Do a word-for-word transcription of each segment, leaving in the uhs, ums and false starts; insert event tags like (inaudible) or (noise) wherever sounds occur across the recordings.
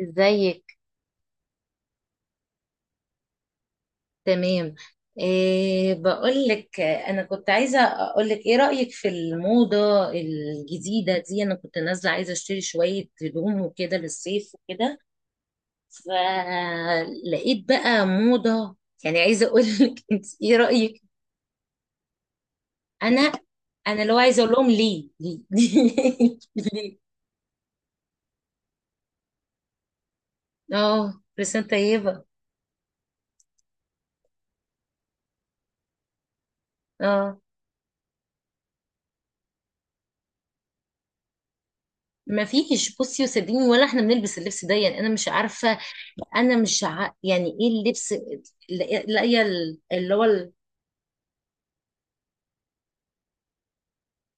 ازيك. تمام. إيه، بقول لك انا كنت عايزه اقول لك ايه رايك في الموضه الجديده دي، انا كنت نازله عايزه اشتري شويه هدوم وكده للصيف وكده، فلقيت بقى موضه. يعني عايزه اقول لك (laughs) انت ايه رايك؟ انا انا لو عايزه اقول لهم ليه ليه (laughs) ليه؟ اه، لسان طيبه. اه، ما فيش. بصي وصدقيني ولا احنا بنلبس اللبس ده، يعني انا مش عارفه. انا مش ع... يعني ايه اللبس؟ لا لا- يا ال- اللي هو ال...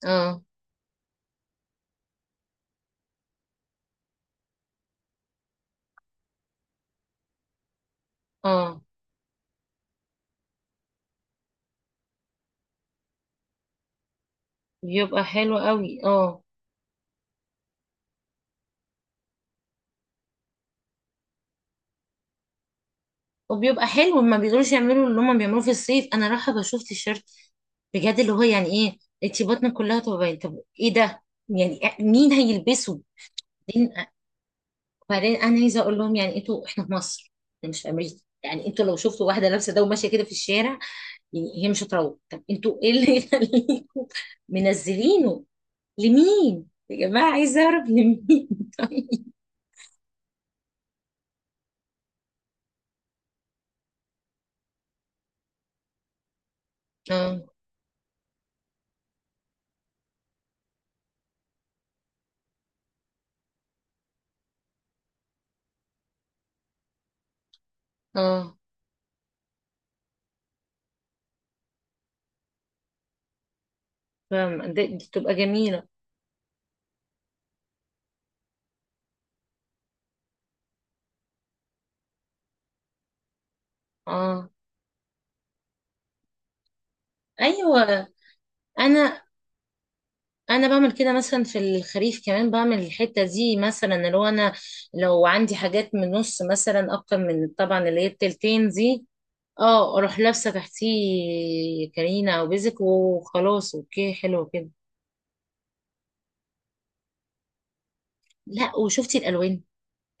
اه. اه، بيبقى حلو قوي. اه، وبيبقى حلو. ما بيقدروش يعملوا اللي هم بيعملوه في الصيف. انا رايحه بشوف تيشيرت بجد اللي هو يعني ايه؟ انتي بطنك كلها تبقى باينه، طب ايه ده؟ يعني مين هيلبسه؟ بعدين بعدين انا عايزه اقول لهم، يعني انتوا احنا في مصر، إحنا مش في امريكا. يعني انتوا لو شفتوا واحده لابسه ده وماشيه كده في الشارع، يعني هي مش هتروح. طب انتوا ايه اللي (laughs) يخليكم منزلينه؟ لمين يا جماعة؟ عايزة أعرف لمين. (laughs) طيب. اه. اه، فاهمة. دي دي بتبقى جميلة. اه. أيوة. انا، انا بعمل كده مثلا في الخريف، كمان بعمل الحته دي مثلا، اللي هو انا لو عندي حاجات من نص مثلا، اكتر من طبعا اللي هي التلتين دي، اه اروح لابسه تحتيه كرينه او بيزك وخلاص. اوكي، حلو كده. لا وشفتي الالوان؟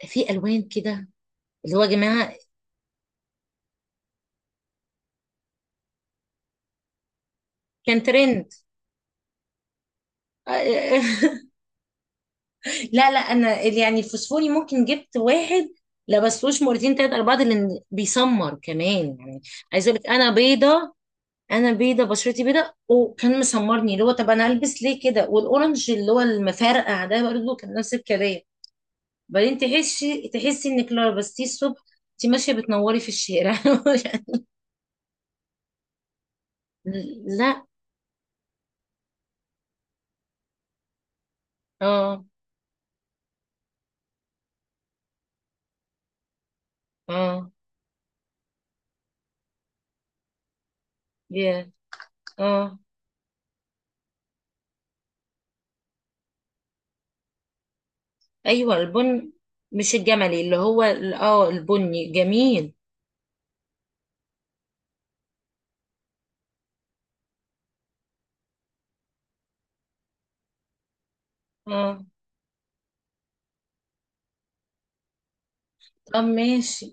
في الوان كده اللي هو يا جماعه. كان ترند. (laughs) لا لا، انا ال- يعني الفوسفوري ممكن جبت واحد لبستوش مرتين تلاتة أربعة ده، لأن بيسمر كمان يعني. عايز أقولك أنا بيضة. أنا بيضة، بشرتي بيضة، وكان مسمرني، اللي هو طب أنا ألبس ليه كده؟ والأورنج اللي هو المفرقع ده برضه كان نفس الكلام. بعدين تحسي تحسي إنك لو لبستيه الصبح أنت ماشية بتنوري في الشارع. (laughs) لا. اه. اه. يا. اه. أيوه البن، مش الجملي اللي هو ال- اه، البني جميل. اه. طب ماشي.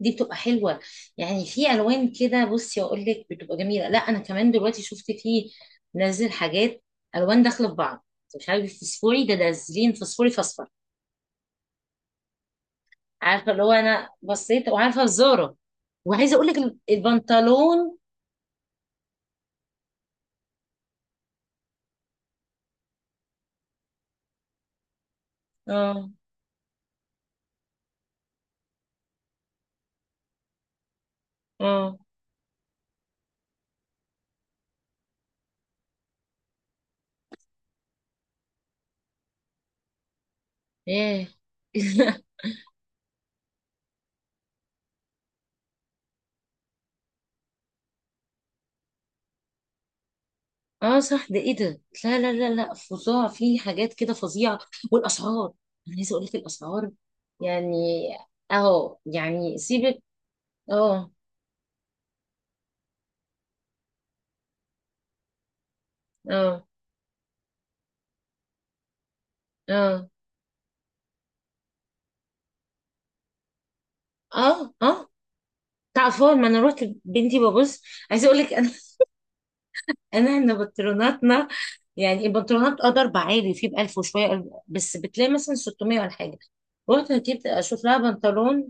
دي بتبقى حلوة. يعني في ألوان كده، بصي أقول لك بتبقى جميلة. لا أنا كمان دلوقتي شفت فيه نازل حاجات ألوان داخلة في بعض. مش عارف فسفوري، ده نازلين فسفوري في أصفر. عارفة اللي هو أنا بصيت، وعارفة الزارة وعايزة أقول لك البنطلون. اه. اه. ايه. (laughs) اه صح، ده ايه ده؟ لا لا لا لا، فظاع، في حاجات كده فظيعة. والأسعار، أنا عايزة أقول لك الأسعار. يعني أهو يعني سيبك. اه. اه. اه. اه. اه. تعرفون ما انا رحت بنتي ببص، عايزه اقول لك انا (laughs) انا احنا بنطلوناتنا، يعني البنطلونات اه ضرب عالي فيه ب ألف وشويه، قلب- بس بتلاقي مثلا ستمية ولا حاجه. رحت ركبت اشوف لها بنطلون.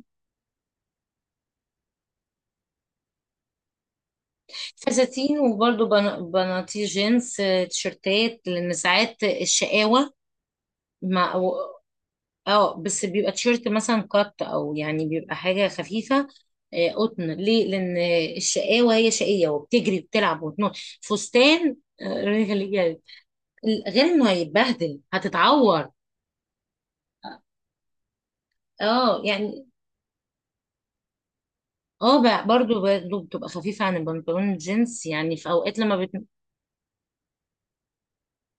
فساتين وبرده بناطيل جينز، آه، تيشرتات لان ساعات الشقاوه مع، اه بس بيبقى تيشيرت مثلا قط او يعني بيبقى حاجه خفيفه، آه، قطن، ليه؟ لان الشقاوه هي شقيه وبتجري وبتلعب وتنط. فستان، آه، رجل جلد، غير انه هيتبهدل هتتعور. اه يعني. اه، بقى برضو برضو بتبقى خفيفه عن البنطلون الجينز، يعني في اوقات لما بت...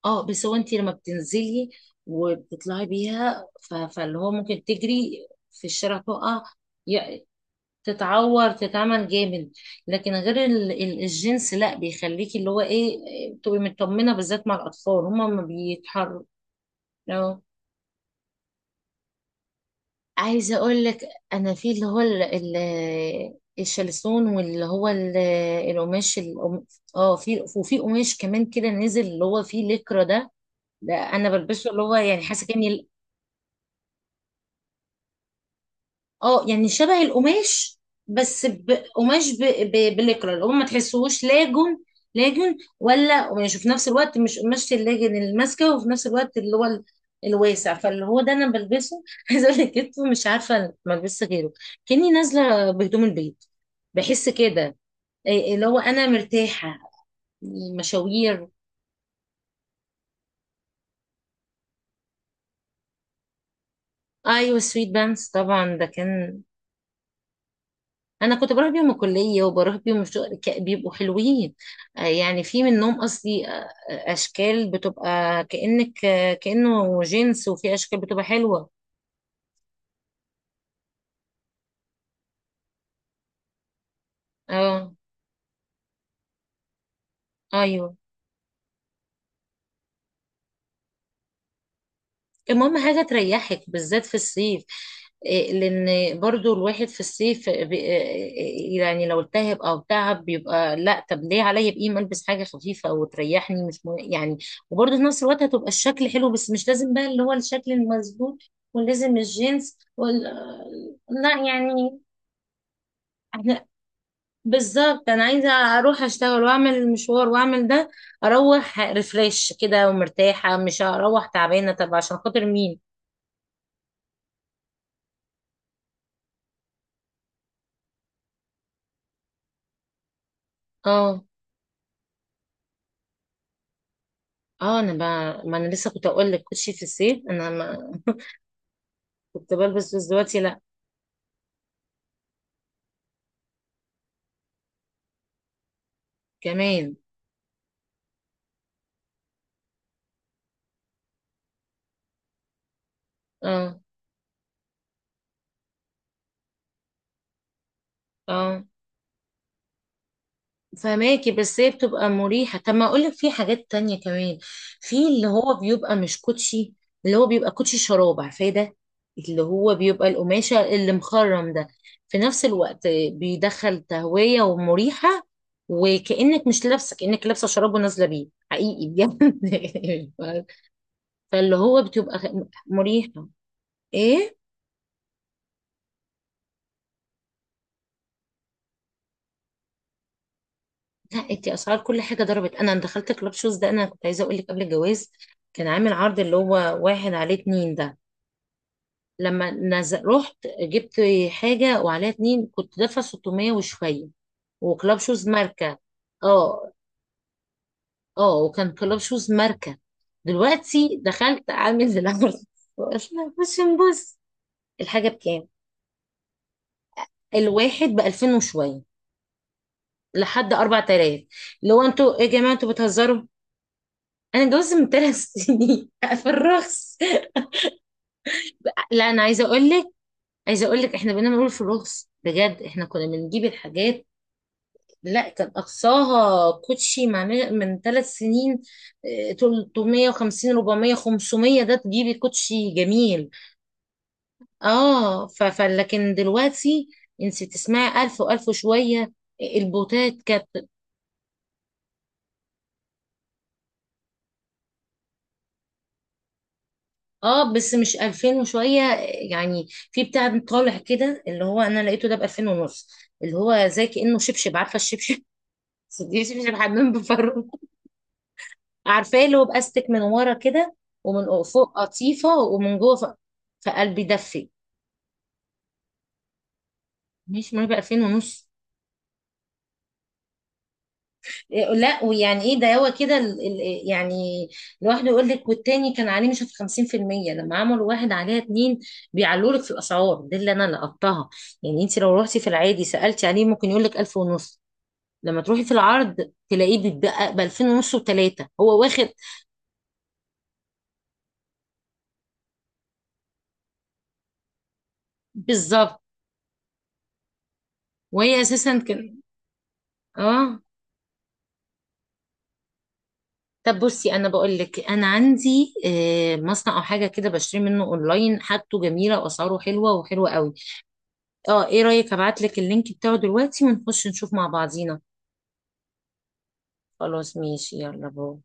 اه بس هو انت لما بتنزلي وبتطلعي بيها ف... فاللي هو ممكن تجري في الشارع تقع تتعور تتعمل جامد. لكن غير ال- ال- الجنس لا، بيخليكي اللي هو ايه تبقي مطمنه، بالذات مع الاطفال هما ما بيتحركوا. اه. عايزه اقول لك انا في اللي هو ال- ال- الشلسون واللي هو ال- القماش القم- اه في، وفي قماش كمان كده نزل اللي هو فيه لكرة ده، ده انا بلبسه اللي هو يعني حاسه كاني. اه يعني شبه القماش بس بقماش ب... ب... بالإكرا القماش، ما تحسوش لاجن، لاجن ولا قماش، وفي نفس الوقت مش قماش اللاجن الماسكة، وفي نفس الوقت اللي هو ال- الواسع، فاللي هو ده انا بلبسه. (laughs) عايزه اقول لك كتفه مش عارفه، ما البس غيره، كاني نازله بهدوم البيت، بحس كده إيه- اللي هو انا مرتاحه، مشاوير. ايوه سويت بانس طبعا ده كان، انا كنت بروح بيهم الكليه وبروح بيهم الشغل، ك- بيبقوا حلوين. آه، يعني في منهم اصلي، آه، آه، اشكال بتبقى كانك آه، كانه جنس، وفي اشكال بتبقى حلوه. اه. ايوه. المهم حاجة تريحك بالذات في الصيف. إيه، لان برضو الواحد في الصيف بي- إيه، يعني لو التهب او تعب بيبقى، لا طب ليه عليا بقيمة، البس حاجة خفيفة وتريحني، مش مه... يعني وبرضو في نفس الوقت هتبقى الشكل حلو، بس مش لازم بقى اللي هو الشكل المظبوط ولازم الجينز وال... آه. لا يعني احنا، بالظبط انا عايزة اروح اشتغل واعمل المشوار واعمل ده، اروح ريفريش كده ومرتاحة، مش هروح تعبانة، طب عشان خاطر مين؟ اه. اه، انا بقى ما انا لسه كنت اقول لك كوتشي في الصيف، انا ما كنت بلبس، بس دلوقتي لا، كمان. اه. اه. فماكي، بس هي بتبقى مريحة. طب ما اقول لك في حاجات تانية كمان، في اللي هو بيبقى مش كوتشي، اللي هو بيبقى كوتشي شراب، عارفاه ده؟ اللي هو بيبقى القماشة اللي مخرم ده، في نفس الوقت بيدخل تهوية ومريحة، وكأنك مش لابسة، كأنك لابسة شراب ونازلة بيه حقيقي بجد. (laughs) فاللي هو بتبقى مريحة. ايه. لا انت، اسعار كل حاجه ضربت. انا دخلت كلاب شوز، ده انا كنت عايزه اقول لك قبل الجواز كان عامل عرض اللي هو واحد عليه اتنين ده، لما نزل رحت جبت حاجه وعليها اتنين كنت دافعه ستمية وشويه، وكلاب شوز ماركه. اه. اه، وكان كلاب شوز ماركه. دلوقتي دخلت عامل زي العرض، (laughs) وقلنا بص نبص الحاجه بكام، الواحد ب ألفين وشويه لحد اربع تلاف. اللي هو انتوا ايه يا جماعه، انتوا بتهزروا؟ انا اتجوزت من ثلاث سنين (laughs) في الرخص. لا انا عايزه اقول لك، عايزه اقول لك احنا بنعمل في الرخص بجد، احنا كنا بنجيب الحاجات. لا كان اقصاها كوتشي مع من من ثلاث سنين آه، تلتمية وخمسين اربعمية خمسمية، ده تجيبي كوتشي جميل. اه ف ف- لكن دلوقتي انت تسمعي ألف و1000 وشويه، آه، البوتات كانت، اه بس مش ألفين وشويه، آه، يعني في بتاع طالع كده اللي هو انا لقيته ده ب ألفين ونص، اللي هو زي كانه شبشب، عارفه الشبشب؟ (laughs) دي شبشب حمام بفرو، عارفاه اللي هو باستك من ورا كده، ومن فوق قطيفه ومن جوه ف- فقلبي دفي. ماشي معايا ب ألفين ونص. إيه، لا، ويعني ايه ده هو كده ال- ال- يعني لوحده يقول لك، والتاني كان عليه مش في خمسين في المية، لما عملوا واحد عليها اتنين بيعلوا لك في الاسعار دي، اللي انا لقطتها يعني. انت لو رحتي في العادي سالتي عليه ممكن يقول لك ألف ونص، لما تروحي في العرض تلاقيه بيتبقى ب ألفين ونص وثلاثه هو واخد. بالظبط. وهي اساسا كان. اه طب بصي انا بقول لك انا عندي آه، مصنع او حاجه كده بشتري منه اونلاين، حاجته جميله واسعاره حلوه وحلوه قوي. اه، ايه رايك ابعت لك اللينك بتاعه دلوقتي ونخش نشوف مع بعضينا؟ خلاص ماشي، يلا باي.